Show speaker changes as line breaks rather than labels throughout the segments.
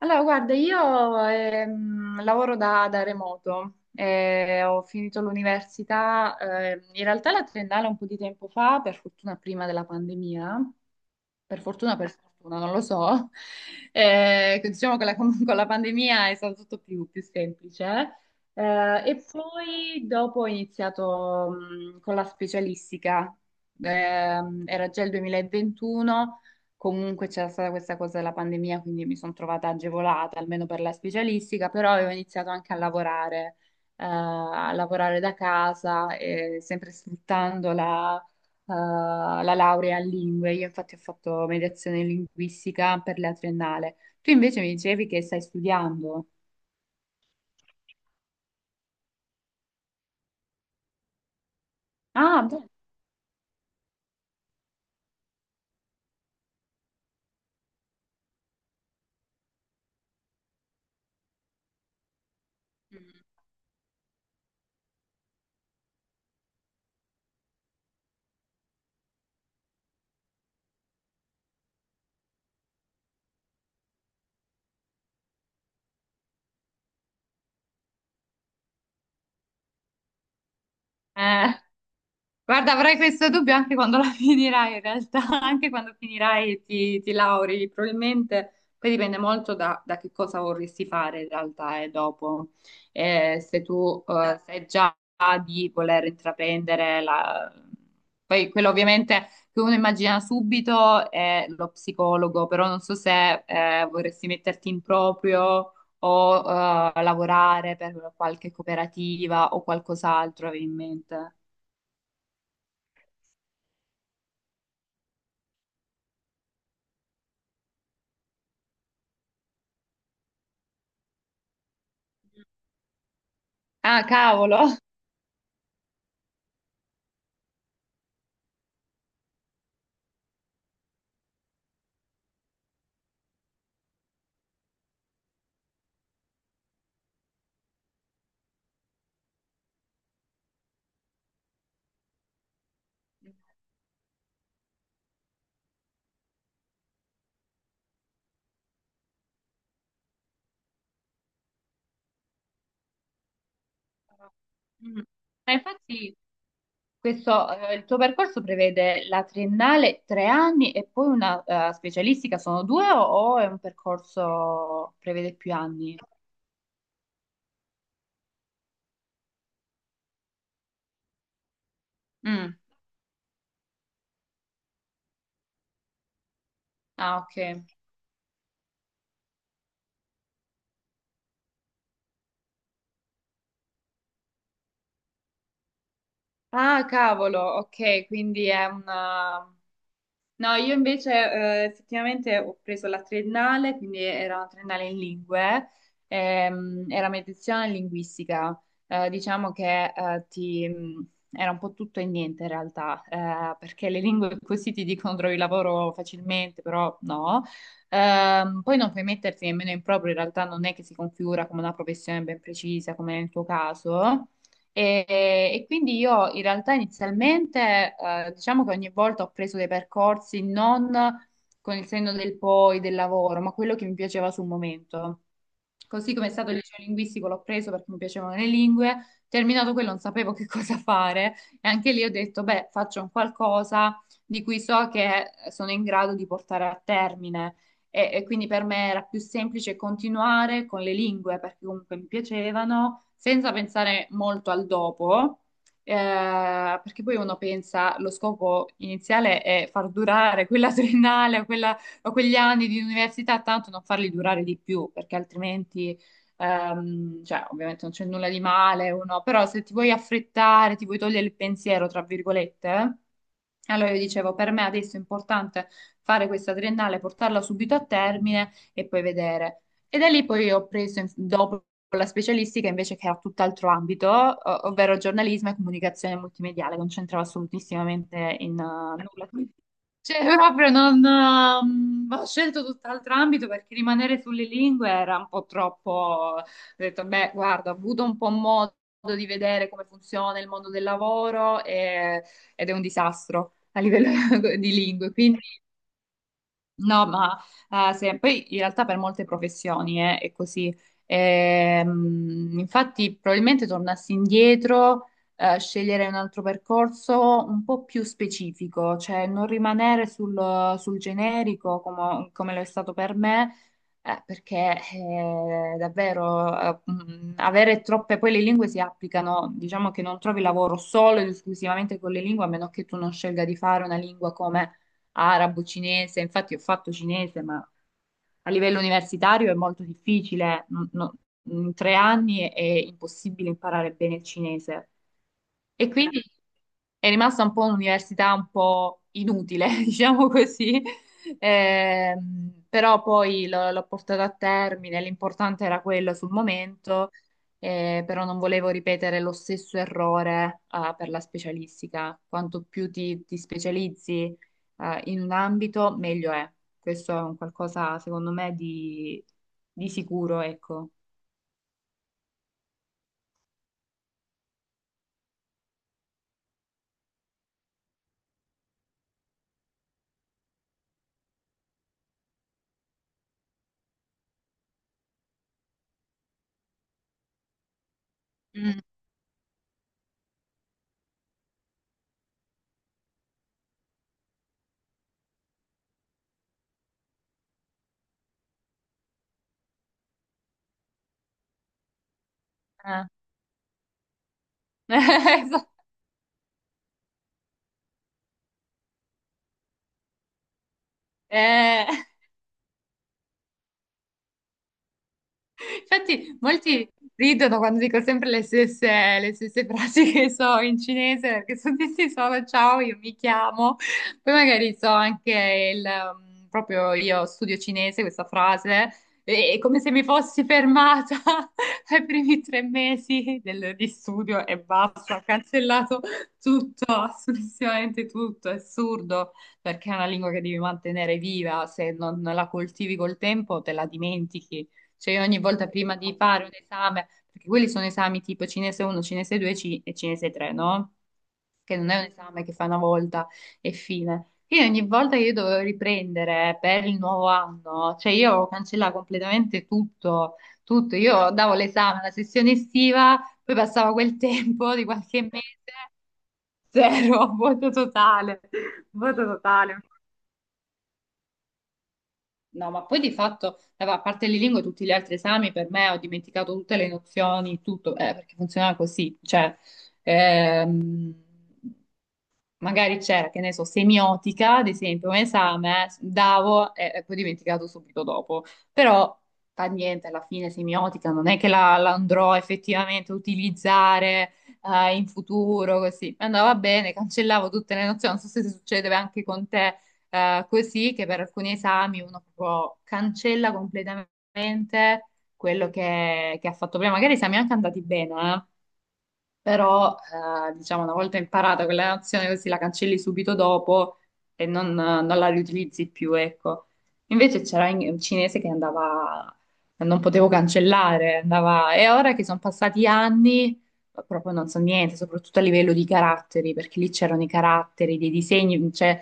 Allora, guarda, io lavoro da remoto, ho finito l'università, in realtà la triennale un po' di tempo fa, per fortuna prima della pandemia, per fortuna, non lo so. Diciamo che con la pandemia è stato tutto più semplice. E poi dopo ho iniziato con la specialistica. Era già il 2021, comunque c'era stata questa cosa della pandemia, quindi mi sono trovata agevolata, almeno per la specialistica, però avevo iniziato anche a lavorare da casa, sempre sfruttando eh, la laurea in lingue. Io infatti ho fatto mediazione linguistica per la triennale. Tu invece mi dicevi che stai studiando. Ah, bene. Eh, guarda, avrai questo dubbio anche quando la finirai, in realtà, anche quando finirai e ti lauri, probabilmente poi dipende molto da che cosa vorresti fare in realtà e dopo. Se tu sai già di voler intraprendere la... Poi quello ovviamente che uno immagina subito è lo psicologo, però non so se vorresti metterti in proprio o lavorare per qualche cooperativa o qualcos'altro avevi in mente? Ah, cavolo! Mm. Ma infatti questo, il tuo percorso prevede la triennale 3 anni e poi una specialistica, sono due o è un percorso prevede più anni? Mm. Ah, ok. Ah, cavolo, ok, quindi è una... No, io invece effettivamente ho preso la triennale, quindi era una triennale in lingue, era medicina e linguistica. Diciamo che ti, era un po' tutto e niente in realtà, perché le lingue così ti dicono trovi lavoro facilmente, però no. Poi non puoi metterti nemmeno in proprio, in realtà non è che si configura come una professione ben precisa, come nel tuo caso. E, e quindi io in realtà inizialmente, diciamo che ogni volta ho preso dei percorsi non con il senno del poi, del lavoro, ma quello che mi piaceva sul momento. Così come è stato il liceo linguistico, l'ho preso perché mi piacevano le lingue. Terminato quello, non sapevo che cosa fare e anche lì ho detto, beh, faccio un qualcosa di cui so che sono in grado di portare a termine. E quindi per me era più semplice continuare con le lingue perché comunque mi piacevano, senza pensare molto al dopo, perché poi uno pensa, lo scopo iniziale è far durare quella triennale o quella ma quegli anni di università tanto non farli durare di più, perché altrimenti, cioè, ovviamente non c'è nulla di male, uno, però se ti vuoi affrettare, ti vuoi togliere il pensiero, tra virgolette, allora io dicevo, per me adesso è importante fare questa triennale, portarla subito a termine e poi vedere. E da lì poi ho preso, dopo la specialistica invece che era tutt'altro ambito, ovvero giornalismo e comunicazione multimediale, concentrava assolutissimamente in nulla. Cioè, proprio non... ho scelto tutt'altro ambito perché rimanere sulle lingue era un po' troppo... Ho detto, beh, guarda, ho avuto un po' modo di vedere come funziona il mondo del lavoro ed è un disastro a livello di lingue. Quindi no, ma poi in realtà per molte professioni è così. Infatti, probabilmente tornassi indietro, sceglierei un altro percorso un po' più specifico, cioè non rimanere sul generico come lo è stato per me, perché davvero avere troppe, poi le lingue si applicano, diciamo che non trovi lavoro solo ed esclusivamente con le lingue, a meno che tu non scelga di fare una lingua come arabo, cinese, infatti ho fatto cinese, ma a livello universitario è molto difficile, in 3 anni è impossibile imparare bene il cinese. E quindi è rimasta un po' un'università un po' inutile, diciamo così. Però poi l'ho portata a termine, l'importante era quello sul momento, però non volevo ripetere lo stesso errore, ah, per la specialistica. Quanto più ti specializzi, in un ambito, meglio è. Questo è un qualcosa, secondo me, di sicuro, ecco. Mm. Eh. Esatto. Eh. Infatti, molti ridono quando dico sempre le stesse frasi che so in cinese, perché sono tutti solo ciao, io mi chiamo. Poi magari so anche proprio io studio cinese, questa frase, è come se mi fossi fermata ai primi 3 mesi di studio e basta, ho cancellato tutto, assolutamente tutto, è assurdo perché è una lingua che devi mantenere viva, se non la coltivi col tempo te la dimentichi, cioè io ogni volta prima di fare un esame, perché quelli sono esami tipo cinese 1, cinese 2 e cinese 3, no? Che non è un esame che fa una volta e fine. Quindi ogni volta che io dovevo riprendere per il nuovo anno, cioè io cancellavo completamente tutto, tutto. Io davo l'esame alla sessione estiva, poi passava quel tempo di qualche mese, zero, vuoto totale, vuoto totale. No, ma poi di fatto, a parte le lingue, tutti gli altri esami per me ho dimenticato tutte le nozioni, tutto, perché funzionava così. Cioè, ehm, magari c'era, che ne so, semiotica, ad esempio, un esame, davo e poi dimenticato subito dopo. Però fa niente, alla fine semiotica non è che la andrò effettivamente a utilizzare in futuro, così. Andava bene, cancellavo tutte le nozioni, non so se succede anche con te così, che per alcuni esami uno proprio cancella completamente quello che ha fatto prima. Magari siamo anche andati bene, però diciamo una volta imparata quella nozione così la cancelli subito dopo e non, non la riutilizzi più, ecco. Invece c'era un cinese che andava, non potevo cancellare, andava, e ora che sono passati anni proprio non so niente, soprattutto a livello di caratteri, perché lì c'erano i caratteri, dei disegni, cioè...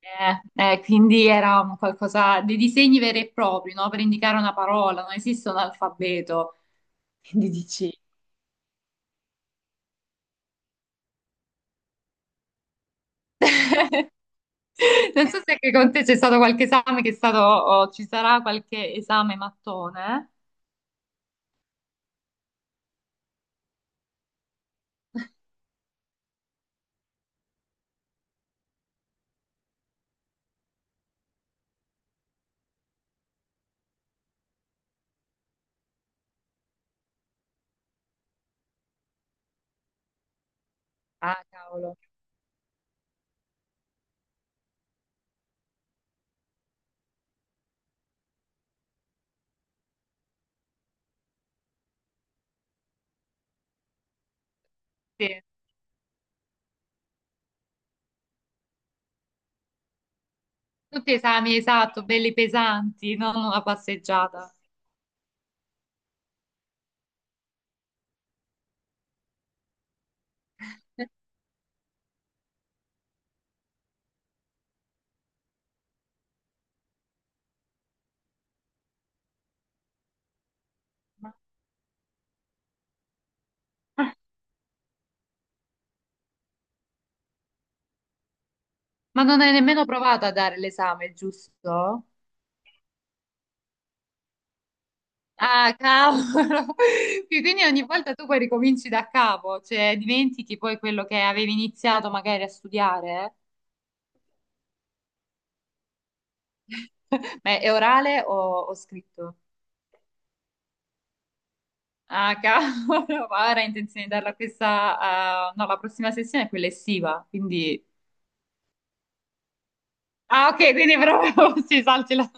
Eh, quindi era un qualcosa dei disegni veri e propri, no? Per indicare una parola, non esiste un alfabeto. Quindi dici, non so se anche con te c'è stato qualche esame che è stato, o ci sarà qualche esame mattone. Ah, cavolo. Sì. Tutti esami, esatto, belli pesanti, non una passeggiata. Ma non hai nemmeno provato a dare l'esame, giusto? Ah, cavolo! Sì, quindi ogni volta tu poi ricominci da capo, cioè dimentichi poi quello che avevi iniziato magari a studiare. Ma è orale o scritto? Ah, cavolo, ma ora ho intenzione di darla questa, no, la prossima sessione è quella estiva, quindi... Ah, ok, quindi proprio sì, saltila.